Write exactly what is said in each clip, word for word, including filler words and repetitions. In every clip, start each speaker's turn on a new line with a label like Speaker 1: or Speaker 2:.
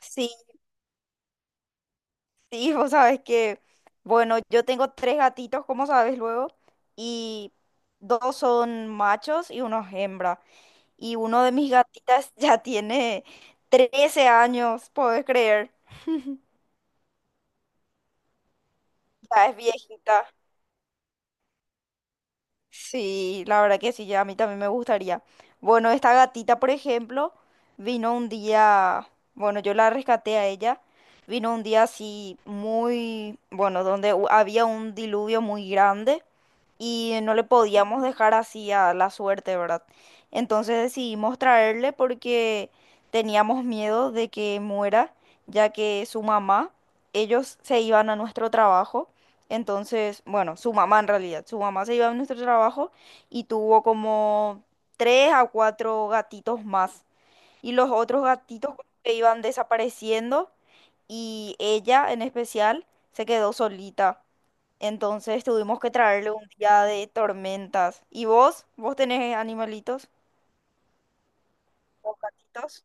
Speaker 1: Sí, sí, vos sabes que, bueno, yo tengo tres gatitos, como sabes luego, y dos son machos y uno es hembra. Y uno de mis gatitas ya tiene trece años, ¿podés creer? Ya es viejita. Sí, la verdad que sí, ya a mí también me gustaría. Bueno, esta gatita, por ejemplo, vino un día, bueno, yo la rescaté a ella, vino un día así muy, bueno, donde hu- había un diluvio muy grande y no le podíamos dejar así a la suerte, ¿verdad? Entonces decidimos traerle porque teníamos miedo de que muera, ya que su mamá, ellos se iban a nuestro trabajo entonces, bueno, su mamá en realidad, su mamá se iba a nuestro trabajo y tuvo como tres a cuatro gatitos más. Y los otros gatitos como que iban desapareciendo y ella en especial se quedó solita. Entonces tuvimos que traerle un día de tormentas. ¿Y vos? ¿Vos tenés animalitos o gatitos?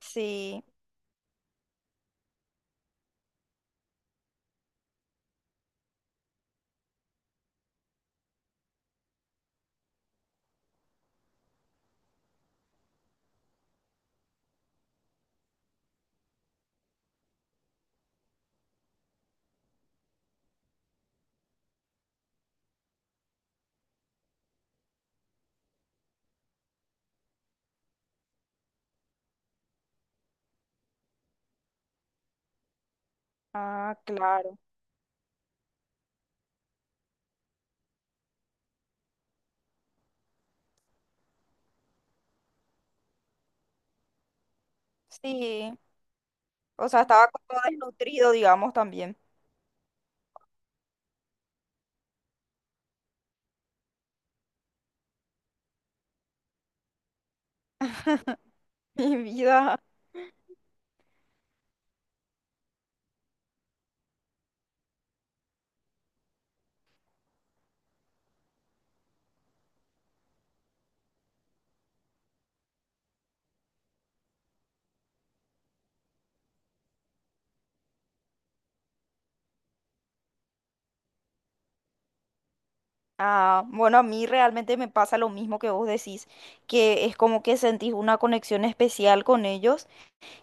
Speaker 1: Sí. Ah, claro. Sí. O sea, estaba como desnutrido, digamos, también. Mi vida. Ah, bueno, a mí realmente me pasa lo mismo que vos decís, que es como que sentís una conexión especial con ellos.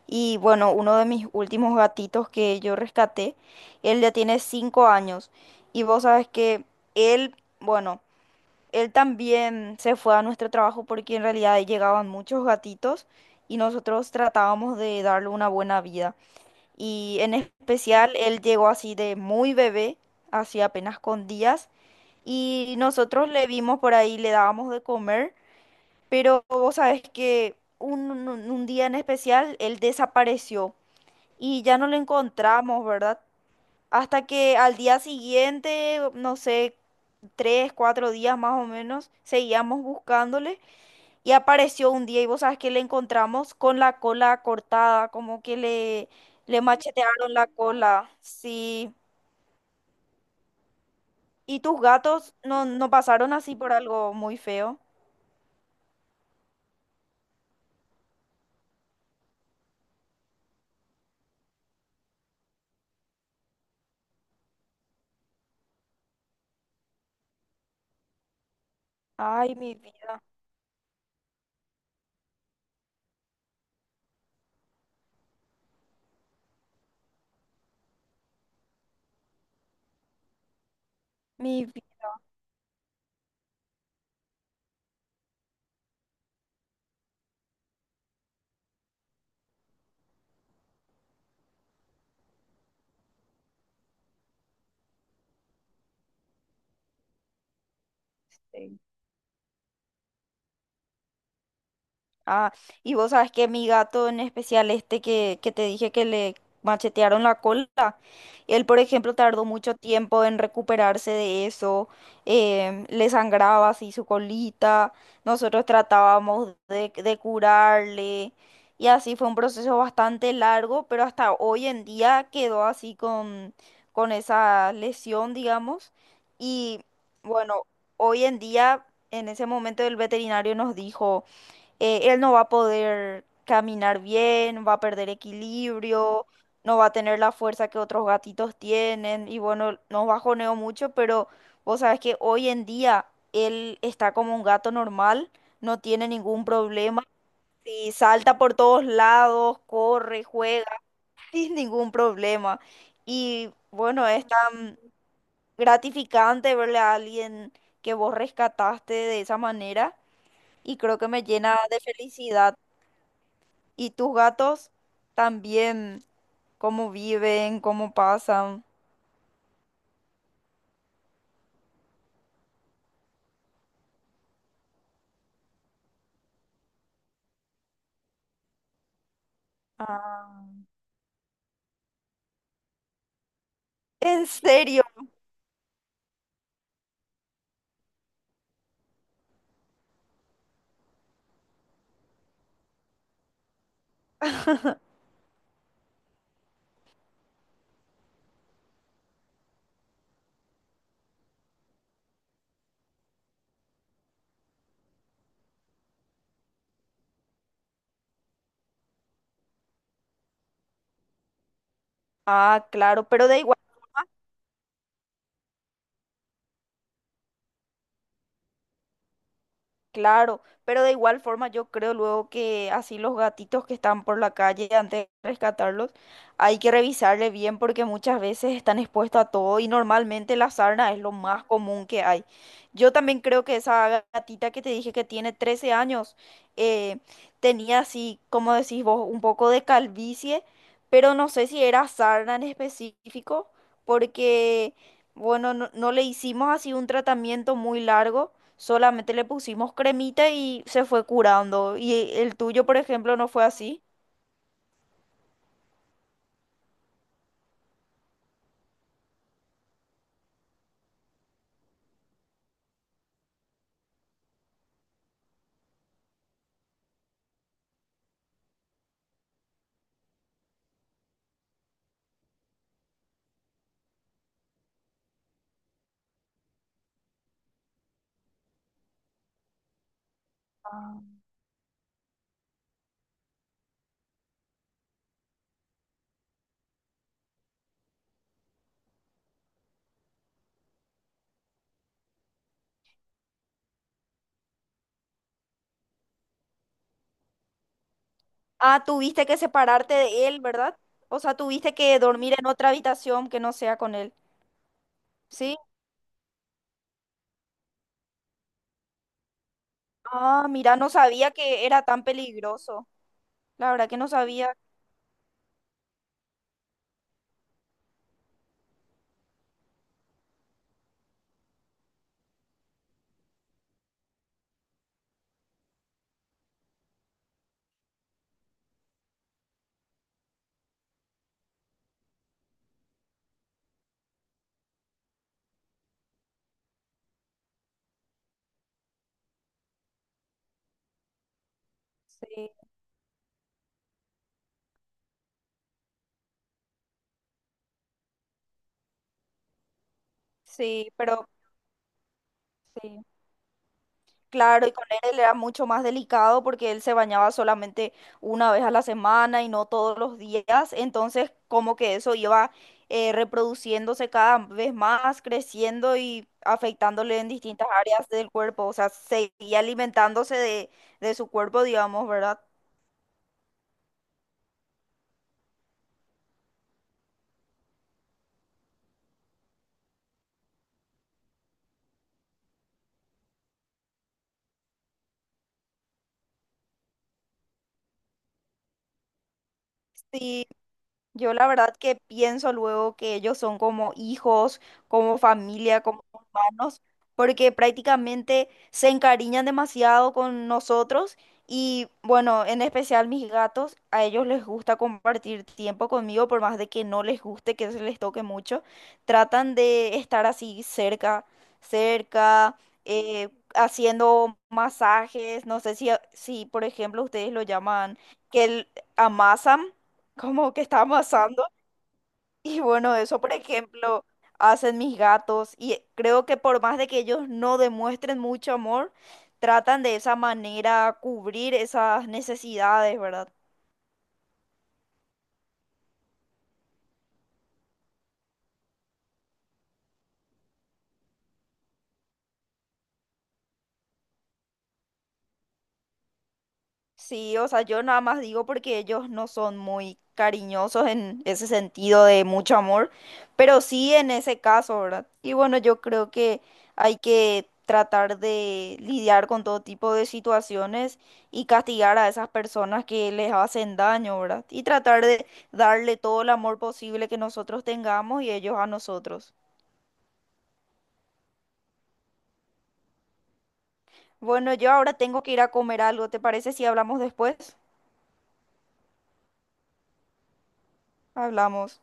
Speaker 1: Y bueno, uno de mis últimos gatitos que yo rescaté, él ya tiene cinco años. Y vos sabes que él, bueno, él también se fue a nuestro trabajo porque en realidad llegaban muchos gatitos y nosotros tratábamos de darle una buena vida. Y en especial, él llegó así de muy bebé, así apenas con días y nosotros le vimos por ahí, le dábamos de comer, pero vos sabés que un, un- un día en especial él desapareció y ya no lo encontramos, ¿verdad? Hasta que al día siguiente, no sé, tres, cuatro días más o menos, seguíamos buscándole y apareció un día y vos sabés que le encontramos con la cola cortada, como que le, le machetearon la cola, sí. ¿Y tus gatos no, no pasaron así por algo muy feo? Ay, mi vida, mi vida. Sí. Ah, y vos sabes que mi gato en especial este que, que te dije que le machetearon la cola, él por ejemplo tardó mucho tiempo en recuperarse de eso, em, le sangraba así su colita, nosotros tratábamos de, de curarle y así fue un proceso bastante largo, pero hasta hoy en día quedó así con, con esa lesión, digamos, y bueno, hoy en día en ese momento el veterinario nos dijo eh, él no va a poder caminar bien, va a perder equilibrio, no va a tener la fuerza que otros gatitos tienen y bueno, nos bajoneo mucho, pero vos sabes que hoy en día él está como un gato normal, no tiene ningún problema. Y salta por todos lados, corre, juega, sin ningún problema. Y bueno, es tan gratificante verle a alguien que vos rescataste de esa manera y creo que me llena de felicidad. ¿Y tus gatos también? ¿Cómo viven? ¿Cómo pasan? Ah, ¿en serio? Ah, claro, pero da igual. Claro, pero de igual forma yo creo luego que así los gatitos que están por la calle, antes de rescatarlos, hay que revisarle bien porque muchas veces están expuestos a todo y normalmente la sarna es lo más común que hay. Yo también creo que esa gatita que te dije que tiene trece años eh, tenía así, como decís vos, un poco de calvicie, pero no sé si era sarna en específico porque, bueno, no no le hicimos así un tratamiento muy largo. Solamente le pusimos cremita y se fue curando. Y el tuyo, por ejemplo, no fue así. Ah. Ah, tuviste que separarte de él, ¿verdad? O sea, tuviste que dormir en otra habitación que no sea con él. ¿Sí? Ah, mira, no sabía que era tan peligroso. La verdad que no sabía. Sí, sí, pero sí. Claro, y con él era mucho más delicado porque él se bañaba solamente una vez a la semana y no todos los días, entonces como que eso iba eh, reproduciéndose cada vez más, creciendo y afectándole en distintas áreas del cuerpo, o sea, seguía alimentándose de, de su cuerpo, digamos, ¿verdad? Sí, yo la verdad que pienso luego que ellos son como hijos, como familia, como hermanos, porque prácticamente se encariñan demasiado con nosotros y bueno, en especial mis gatos, a ellos les gusta compartir tiempo conmigo, por más de que no les guste, que se les toque mucho, tratan de estar así cerca, cerca, eh, haciendo masajes, no sé si, si por ejemplo ustedes lo llaman, que el- amasan como que está pasando. Y bueno, eso, por ejemplo, hacen mis gatos y creo que por más de que ellos no demuestren mucho amor, tratan de esa manera cubrir esas necesidades, ¿verdad? Sí, o sea, yo nada más digo porque ellos no son muy cariñosos en ese sentido de mucho amor, pero sí en ese caso, ¿verdad? Y bueno, yo creo que hay que tratar de lidiar con todo tipo de situaciones y castigar a esas personas que les hacen daño, ¿verdad? Y tratar de darle todo el amor posible que nosotros tengamos y ellos a nosotros. Bueno, yo ahora tengo que ir a comer algo, ¿te parece si hablamos después? Hablamos.